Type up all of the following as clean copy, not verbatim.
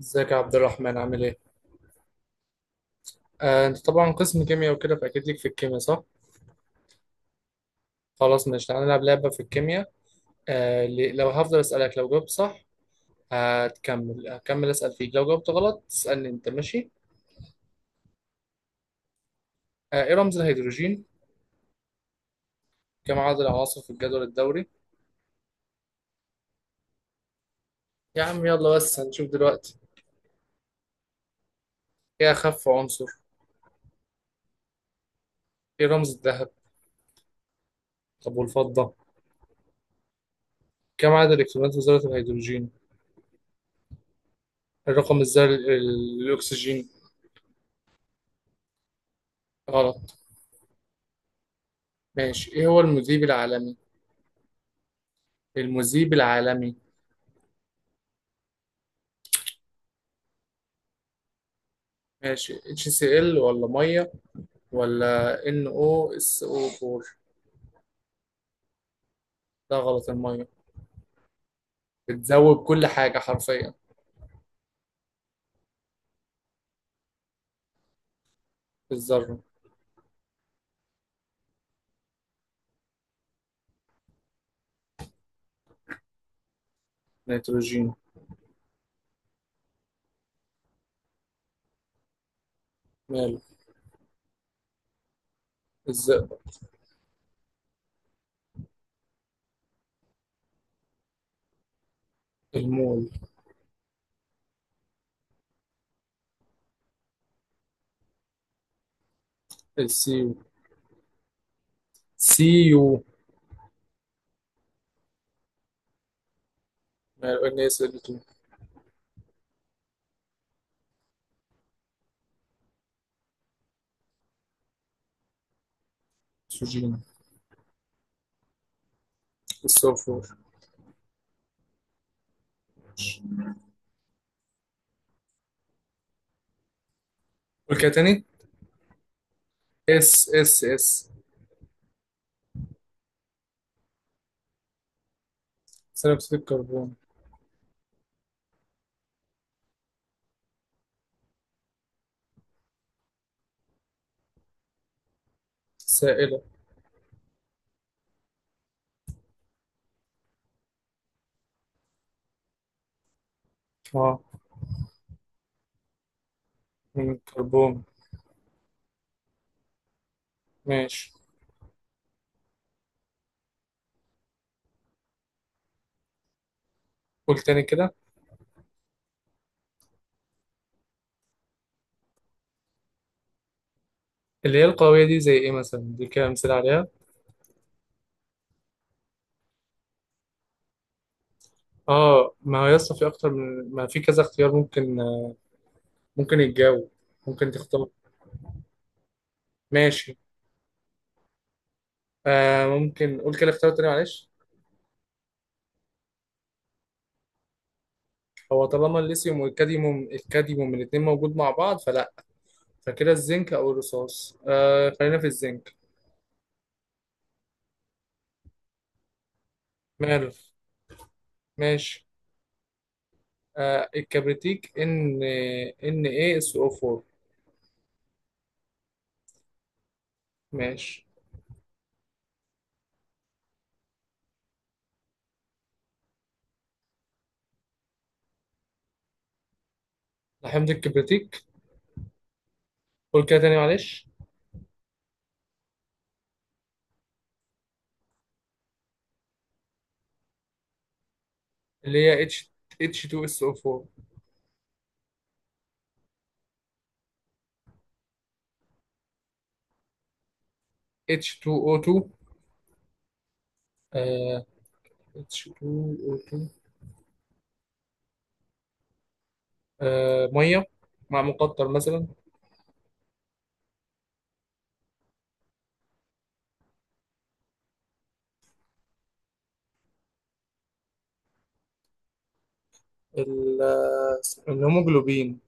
ازيك يا عبد الرحمن عامل ايه؟ آه، انت طبعا قسم كيمياء وكده فاكيد ليك في الكيمياء صح؟ خلاص ماشي تعالى نلعب لعبة في الكيمياء. آه، لو هفضل اسألك لو جاوبت صح هكمل اسأل فيك، لو جاوبت غلط تسألني انت، ماشي؟ آه، ايه رمز الهيدروجين؟ كم عدد العناصر في الجدول الدوري؟ يا عم يلا بس هنشوف دلوقتي. ايه اخف عنصر؟ ايه رمز الذهب؟ طب والفضة؟ كم عدد الالكترونات في ذرة الهيدروجين؟ الرقم الذري الاكسجين. غلط. ماشي، ايه هو المذيب العالمي؟ المذيب العالمي. ماشي، اتش سي ال ولا ميه ولا ان او اس او 4؟ ده غلط، الميه بتذوب كل حاجه حرفيا. الذره. نيتروجين. ماله. الزئبق. المول. السيو. سيو. ماله، ان اس ال 2. اكسجين. السلفور. قول كده تاني، اس اس اس. ثاني اكسيد الكربون. سائله. اه، من الكربون. ماشي. قول تاني كده. اللي هي القويه دي زي ايه مثلا، دي كده امثله عليها. اه ما هو يسطا في اكتر من ما في كذا اختيار ممكن، ممكن يتجاوب، ممكن تختار. ماشي. آه، ممكن قول كده اختيار تاني معلش. هو طالما الليثيوم والكاديوم، الكاديوم من الاتنين موجود مع بعض فلا، فكده الزنك او الرصاص. آه خلينا في الزنك. ماله. ماشي. آه، الكبريتيك ان، ان ايه اس او 4. ماشي لحمض الكبريتيك. قول كده تاني معلش. اللي هي اتش، اتش 2 اس او 4. اتش 2 او 2. اتش 2 او 2. آه، ميه مع مقطر مثلا. ال- آه، الهيموجلوبين.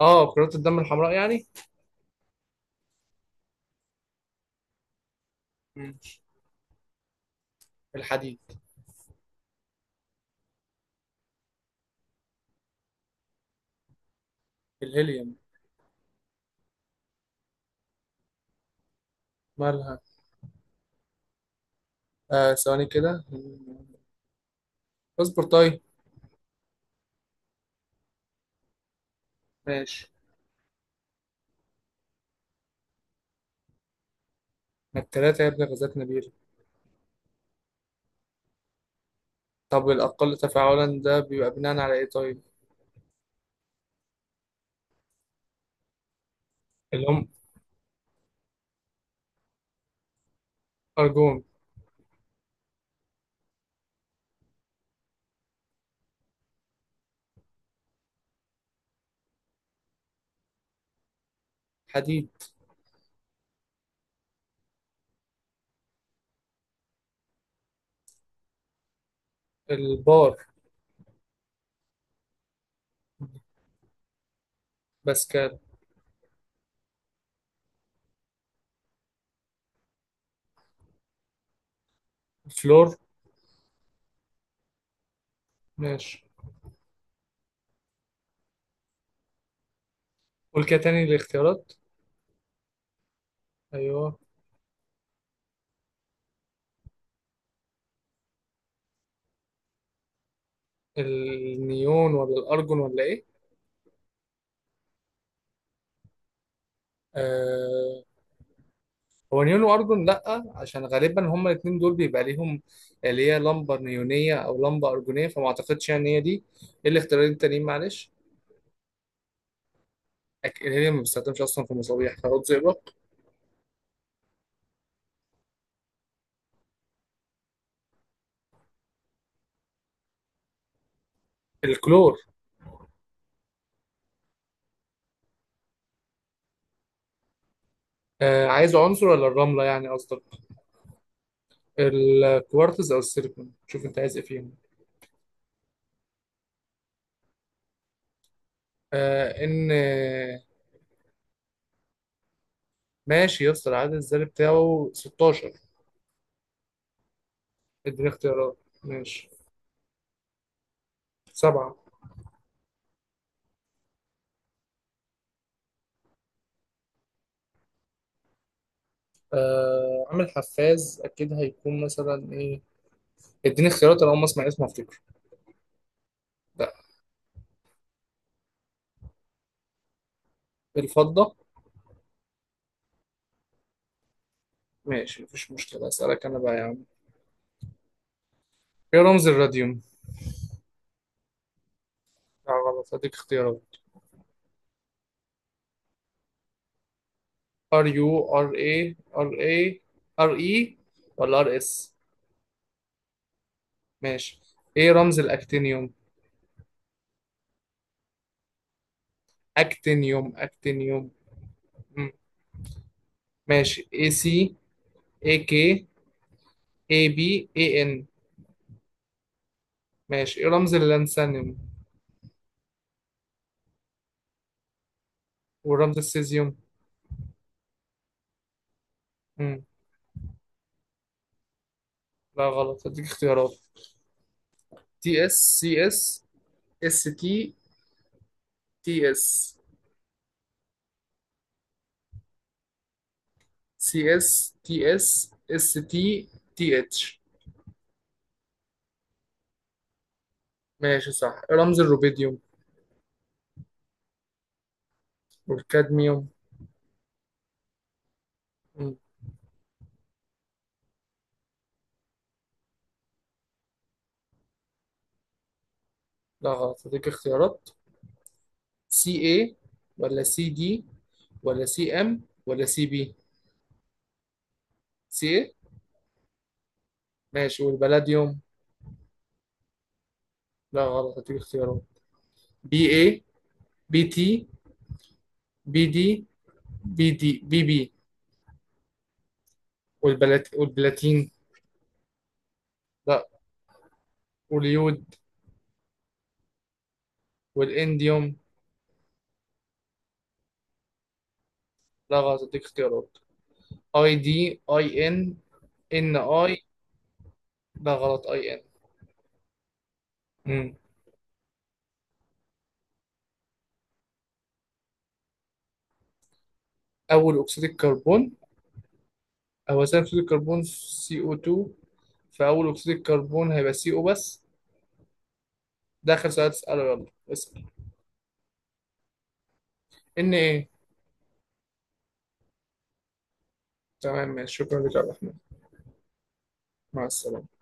اه كرات الدم الحمراء يعني. مم. الحديد. الهيليوم. مالها. آه ثواني كده. اصبر طيب. ماشي. ما التلاتة يا ابن، غازات نبيل. طب الأقل تفاعلا ده بيبقى بناء على إيه طيب؟ اللي هم أرجون. حديد. البار. باسكال. الفلور. ماشي، قول كده تاني الاختيارات. أيوه. النيون ولا الأرجون ولا إيه؟ آه، هو نيون واردون، لا عشان غالبا هما الاثنين دول بيبقى ليهم اللي هي لمبه نيونيه او لمبه ارجونيه، فما اعتقدش يعني هي دي. إيه الاختيارين التانيين معلش؟ الهيليوم ما بيستخدمش اصلا في مصابيح، خلاط زئبق. الكلور. آه عايز عنصر ولا الرمله يعني قصدك؟ الكوارتز او السيليكون، شوف انت عايز ايه فيهم. آه ان. ماشي يا اسطى، العدد الذري بتاعه 16. اديني اختيارات. ماشي، سبعه. آه عامل حفاز اكيد هيكون مثلا ايه، اديني اختيارات انا اول ما اسمع اسمه افتكر. لا. بالفضة. ماشي مفيش مشكلة، أسألك أنا بقى يا عم. إيه رمز الراديوم؟ لا غلط، هديك اختيارات. ار يو، ار اي ار اي، ار اي ولا ار اس. ماشي. ايه رمز الاكتينيوم؟ اكتينيوم اكتينيوم. مم. ماشي، اي سي، اي كي، اي بي، اي ان. ماشي. ايه رمز اللانثانيوم ورمز السيزيوم؟ مم. لا غلط، هديك اختيارات. تي اس، سي اس، اس تي، تي اس. سي اس، تي اس، اس تي، تي اتش. ماشي صح. رمز الروبيديوم والكادميوم. مم. لا غلط، هديك اختيارات. سي اي، ولا سي دي، ولا سي ام، ولا سي بي. سي اي. ماشي، والبلاديوم. لا غلط، هديك اختيارات. بي اي، بي تي، بي دي، بي دي بي بي. والبلاتين. لا. واليود. والانديوم. لا غلط، هديك اختيارات. اي دي، اي ان، ان اي. لا غلط، اي ان. مم. أول أكسيد الكربون. هو ثاني أكسيد الكربون سي أو 2، فأول أكسيد الكربون هيبقى سي أو بس. ده آخر سؤال تسأله، يلا. اسأل. إن إيه. تمام ماشي، شكرا لك يا عبد الرحمن. مع السلامة.